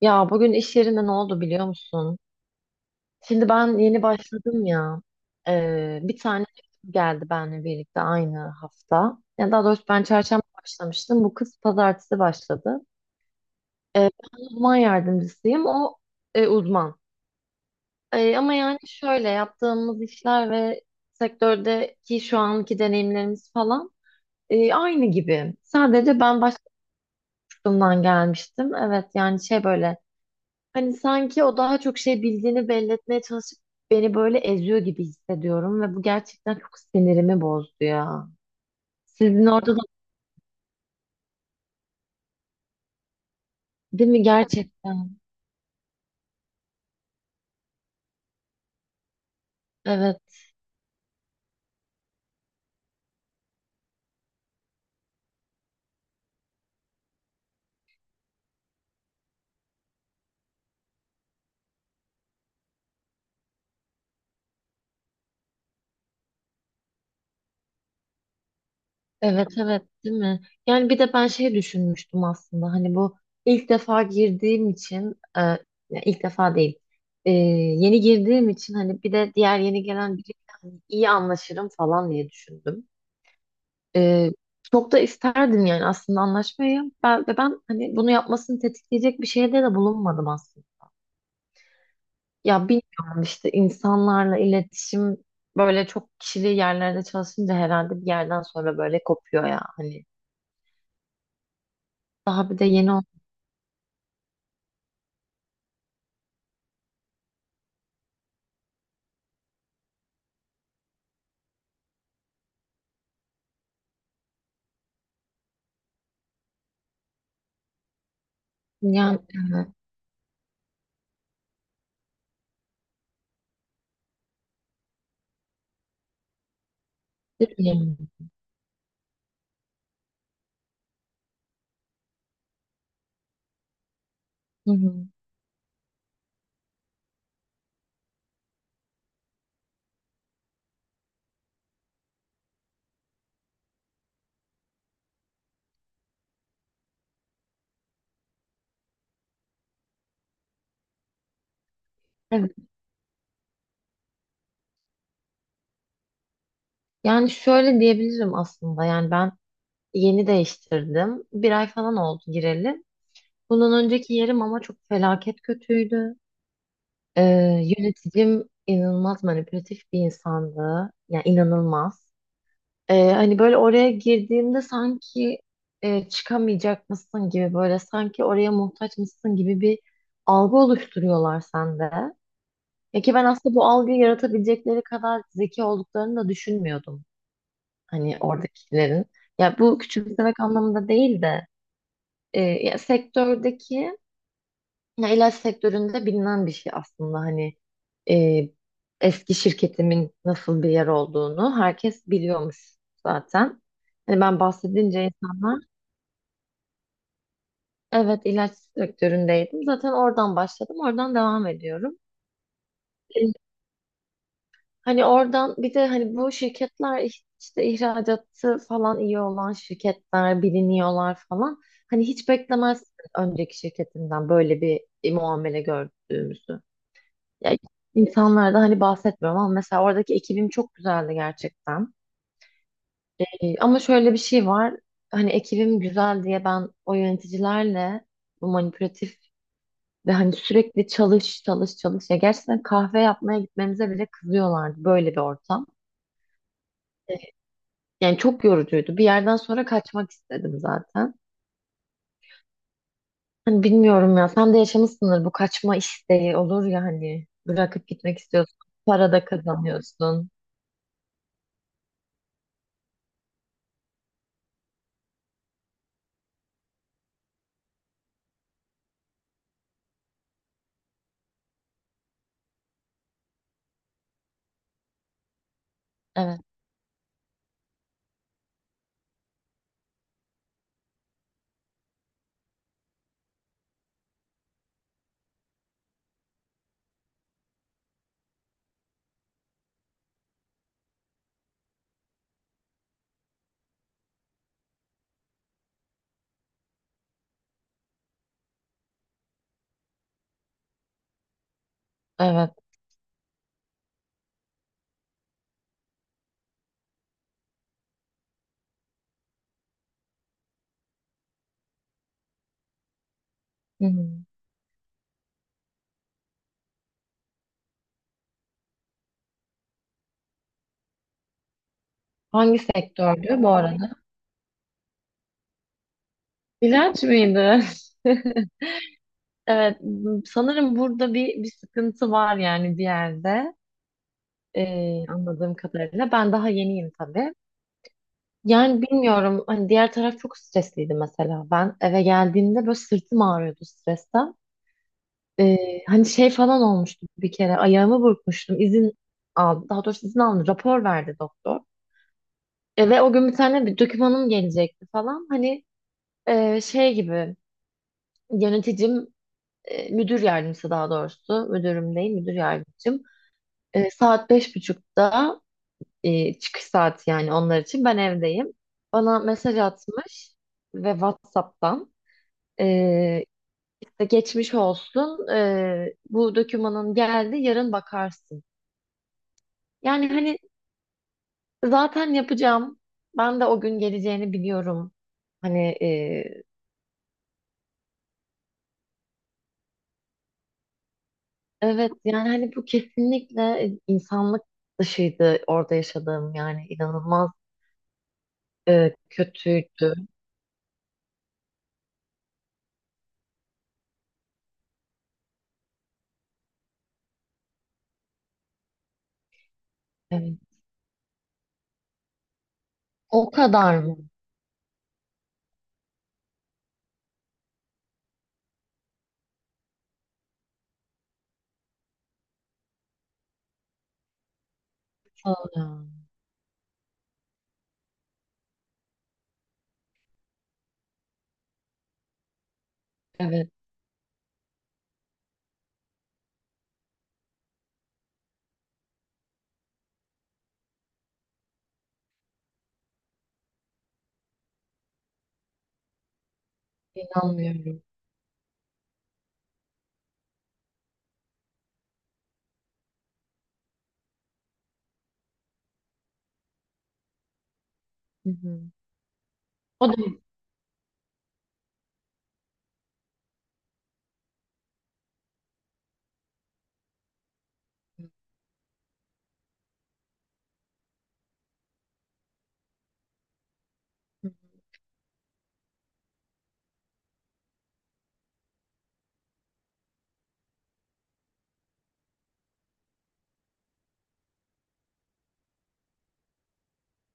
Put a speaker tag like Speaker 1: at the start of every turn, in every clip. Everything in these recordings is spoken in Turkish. Speaker 1: Ya bugün iş yerinde ne oldu biliyor musun? Şimdi ben yeni başladım ya. Bir tane geldi benimle birlikte aynı hafta. Ya daha doğrusu ben çarşamba başlamıştım. Bu kız pazartesi başladı. Ben uzman yardımcısıyım. O uzman. Ama yani şöyle, yaptığımız işler ve sektördeki şu anki deneyimlerimiz falan aynı gibi. Sadece ben başka bir kurumdan gelmiştim. Evet yani şey, böyle hani sanki o daha çok şey bildiğini belli etmeye çalışıp beni böyle eziyor gibi hissediyorum ve bu gerçekten çok sinirimi bozdu ya. Sizin orada da değil mi gerçekten? Evet, evet, evet, değil mi? Yani bir de ben şey düşünmüştüm aslında, hani bu ilk defa girdiğim için ya ilk defa değil, yeni girdiğim için hani bir de diğer yeni gelen biriyle hani iyi anlaşırım falan diye düşündüm. Ee, Çok da isterdim yani aslında anlaşmayı. Ve ben hani bunu yapmasını tetikleyecek bir şeyde de bulunmadım aslında. Ya bilmiyorum işte, insanlarla iletişim böyle çok kişili yerlerde çalışınca herhalde bir yerden sonra böyle kopuyor ya hani. Daha bir de yeni olsun yani. Evet, değil mi? Yani? Hı hı. Evet. Yani şöyle diyebilirim aslında, yani ben yeni değiştirdim. Bir ay falan oldu gireli. Bundan önceki yerim ama çok felaket kötüydü. Ee, Yöneticim inanılmaz manipülatif bir insandı. Yani inanılmaz. Hani böyle oraya girdiğimde sanki çıkamayacak mısın gibi, böyle sanki oraya muhtaç mısın gibi bir algı oluşturuyorlar sende. Ya ki ben aslında bu algıyı yaratabilecekleri kadar zeki olduklarını da düşünmüyordum. Hani oradakilerin. Ya bu küçümsemek anlamında değil de ya sektördeki, ya ilaç sektöründe bilinen bir şey aslında, hani e, eski şirketimin nasıl bir yer olduğunu herkes biliyormuş zaten. Hani ben bahsedince insanlar, evet ilaç sektöründeydim, zaten oradan başladım, oradan devam ediyorum. E, hani oradan bir de hani bu şirketler işte ihracatı falan iyi olan şirketler, biliniyorlar falan. Hani hiç beklemez önceki şirketimden böyle bir muamele gördüğümüzü. Ya, insanlardan hani bahsetmiyorum ama mesela oradaki ekibim çok güzeldi gerçekten. Ama şöyle bir şey var. Hani ekibim güzel diye ben o yöneticilerle, bu manipülatif ve hani sürekli çalış çalış çalış. Ya gerçekten kahve yapmaya gitmemize bile kızıyorlardı, böyle bir ortam. Ee, Yani çok yorucuydu. Bir yerden sonra kaçmak istedim zaten. Hani bilmiyorum ya, sen de yaşamışsındır, bu kaçma isteği olur ya hani, bırakıp gitmek istiyorsun. Para da kazanıyorsun. Evet, evet. Hı hı. Hangi sektördü bu arada? İlaç mıydı? Evet, sanırım burada bir sıkıntı var, yani bir yerde. Anladığım kadarıyla. Ben daha yeniyim tabii. Yani bilmiyorum, hani diğer taraf çok stresliydi mesela. Ben eve geldiğimde böyle sırtım ağrıyordu stresten. Ee, Hani şey falan olmuştu, bir kere ayağımı burkmuştum. İzin aldım. Daha doğrusu izin aldım. Rapor verdi doktor. E, ve o gün bir tane bir dokümanım gelecekti falan. Hani şey gibi, yöneticim, müdür yardımcısı, daha doğrusu müdürüm değil müdür yardımcım, e, saat beş buçukta çıkış saati yani onlar için, ben evdeyim, bana mesaj atmış ve WhatsApp'tan e, işte geçmiş olsun, e, bu dokümanın geldi yarın bakarsın, yani hani zaten yapacağım, ben de o gün geleceğini biliyorum hani, evet yani hani bu kesinlikle insanlık dışıydı orada yaşadığım, yani inanılmaz. Evet, kötüydü. Evet. O kadar mı? Aa, evet, inanmıyorum. Hı hı. O da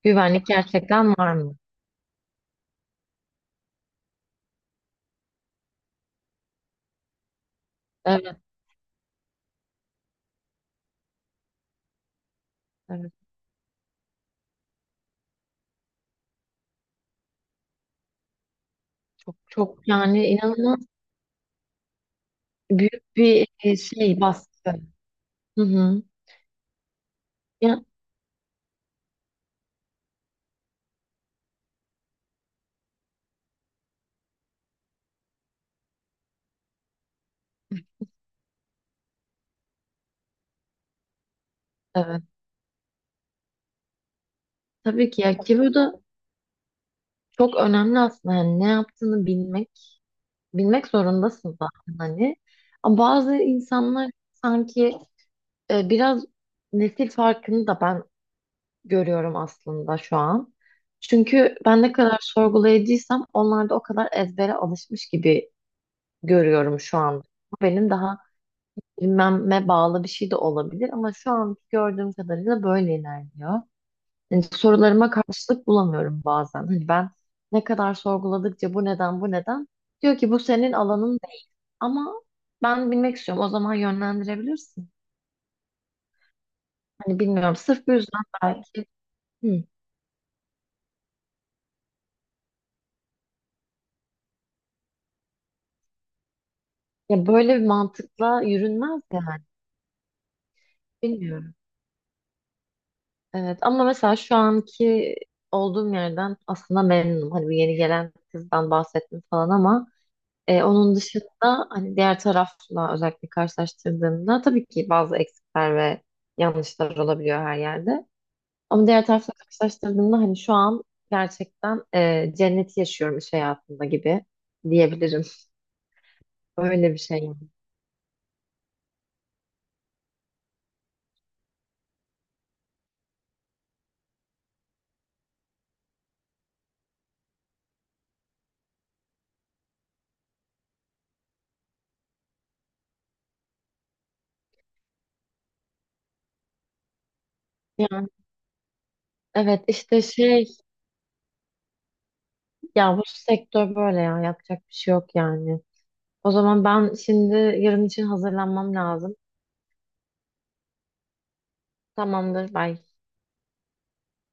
Speaker 1: güvenlik gerçekten var mı? Evet, evet. Çok çok, yani inanılmaz büyük bir şey, baskı. Hı hı. Ya, evet. Tabii ki ya, ki bu da çok önemli aslında. Yani ne yaptığını bilmek, bilmek zorundasın zaten hani. Ama bazı insanlar sanki biraz nesil farkını da ben görüyorum aslında şu an. Çünkü ben ne kadar sorgulayıcıysam, onlar da o kadar ezbere alışmış gibi görüyorum şu an. Bu benim daha bilmeme bağlı bir şey de olabilir, ama şu an gördüğüm kadarıyla böyle ilerliyor. Yani sorularıma karşılık bulamıyorum bazen. Hani ben ne kadar sorguladıkça bu neden bu neden, diyor ki bu senin alanın değil, ama ben bilmek istiyorum, o zaman yönlendirebilirsin. Hani bilmiyorum, sırf bu yüzden belki. Hı. Ya böyle bir mantıkla yürünmez yani. Bilmiyorum. Evet, ama mesela şu anki olduğum yerden aslında memnunum. Hani bu yeni gelen kızdan bahsettim falan, ama onun dışında hani diğer tarafla özellikle karşılaştırdığımda tabii ki bazı eksikler ve yanlışlar olabiliyor her yerde. Ama diğer tarafla karşılaştırdığımda hani şu an gerçekten cenneti yaşıyorum iş hayatında gibi diyebilirim. Öyle bir şey yani. Yani evet işte şey, ya bu sektör böyle ya, yapacak bir şey yok yani. O zaman ben şimdi yarın için hazırlanmam lazım. Tamamdır. Belki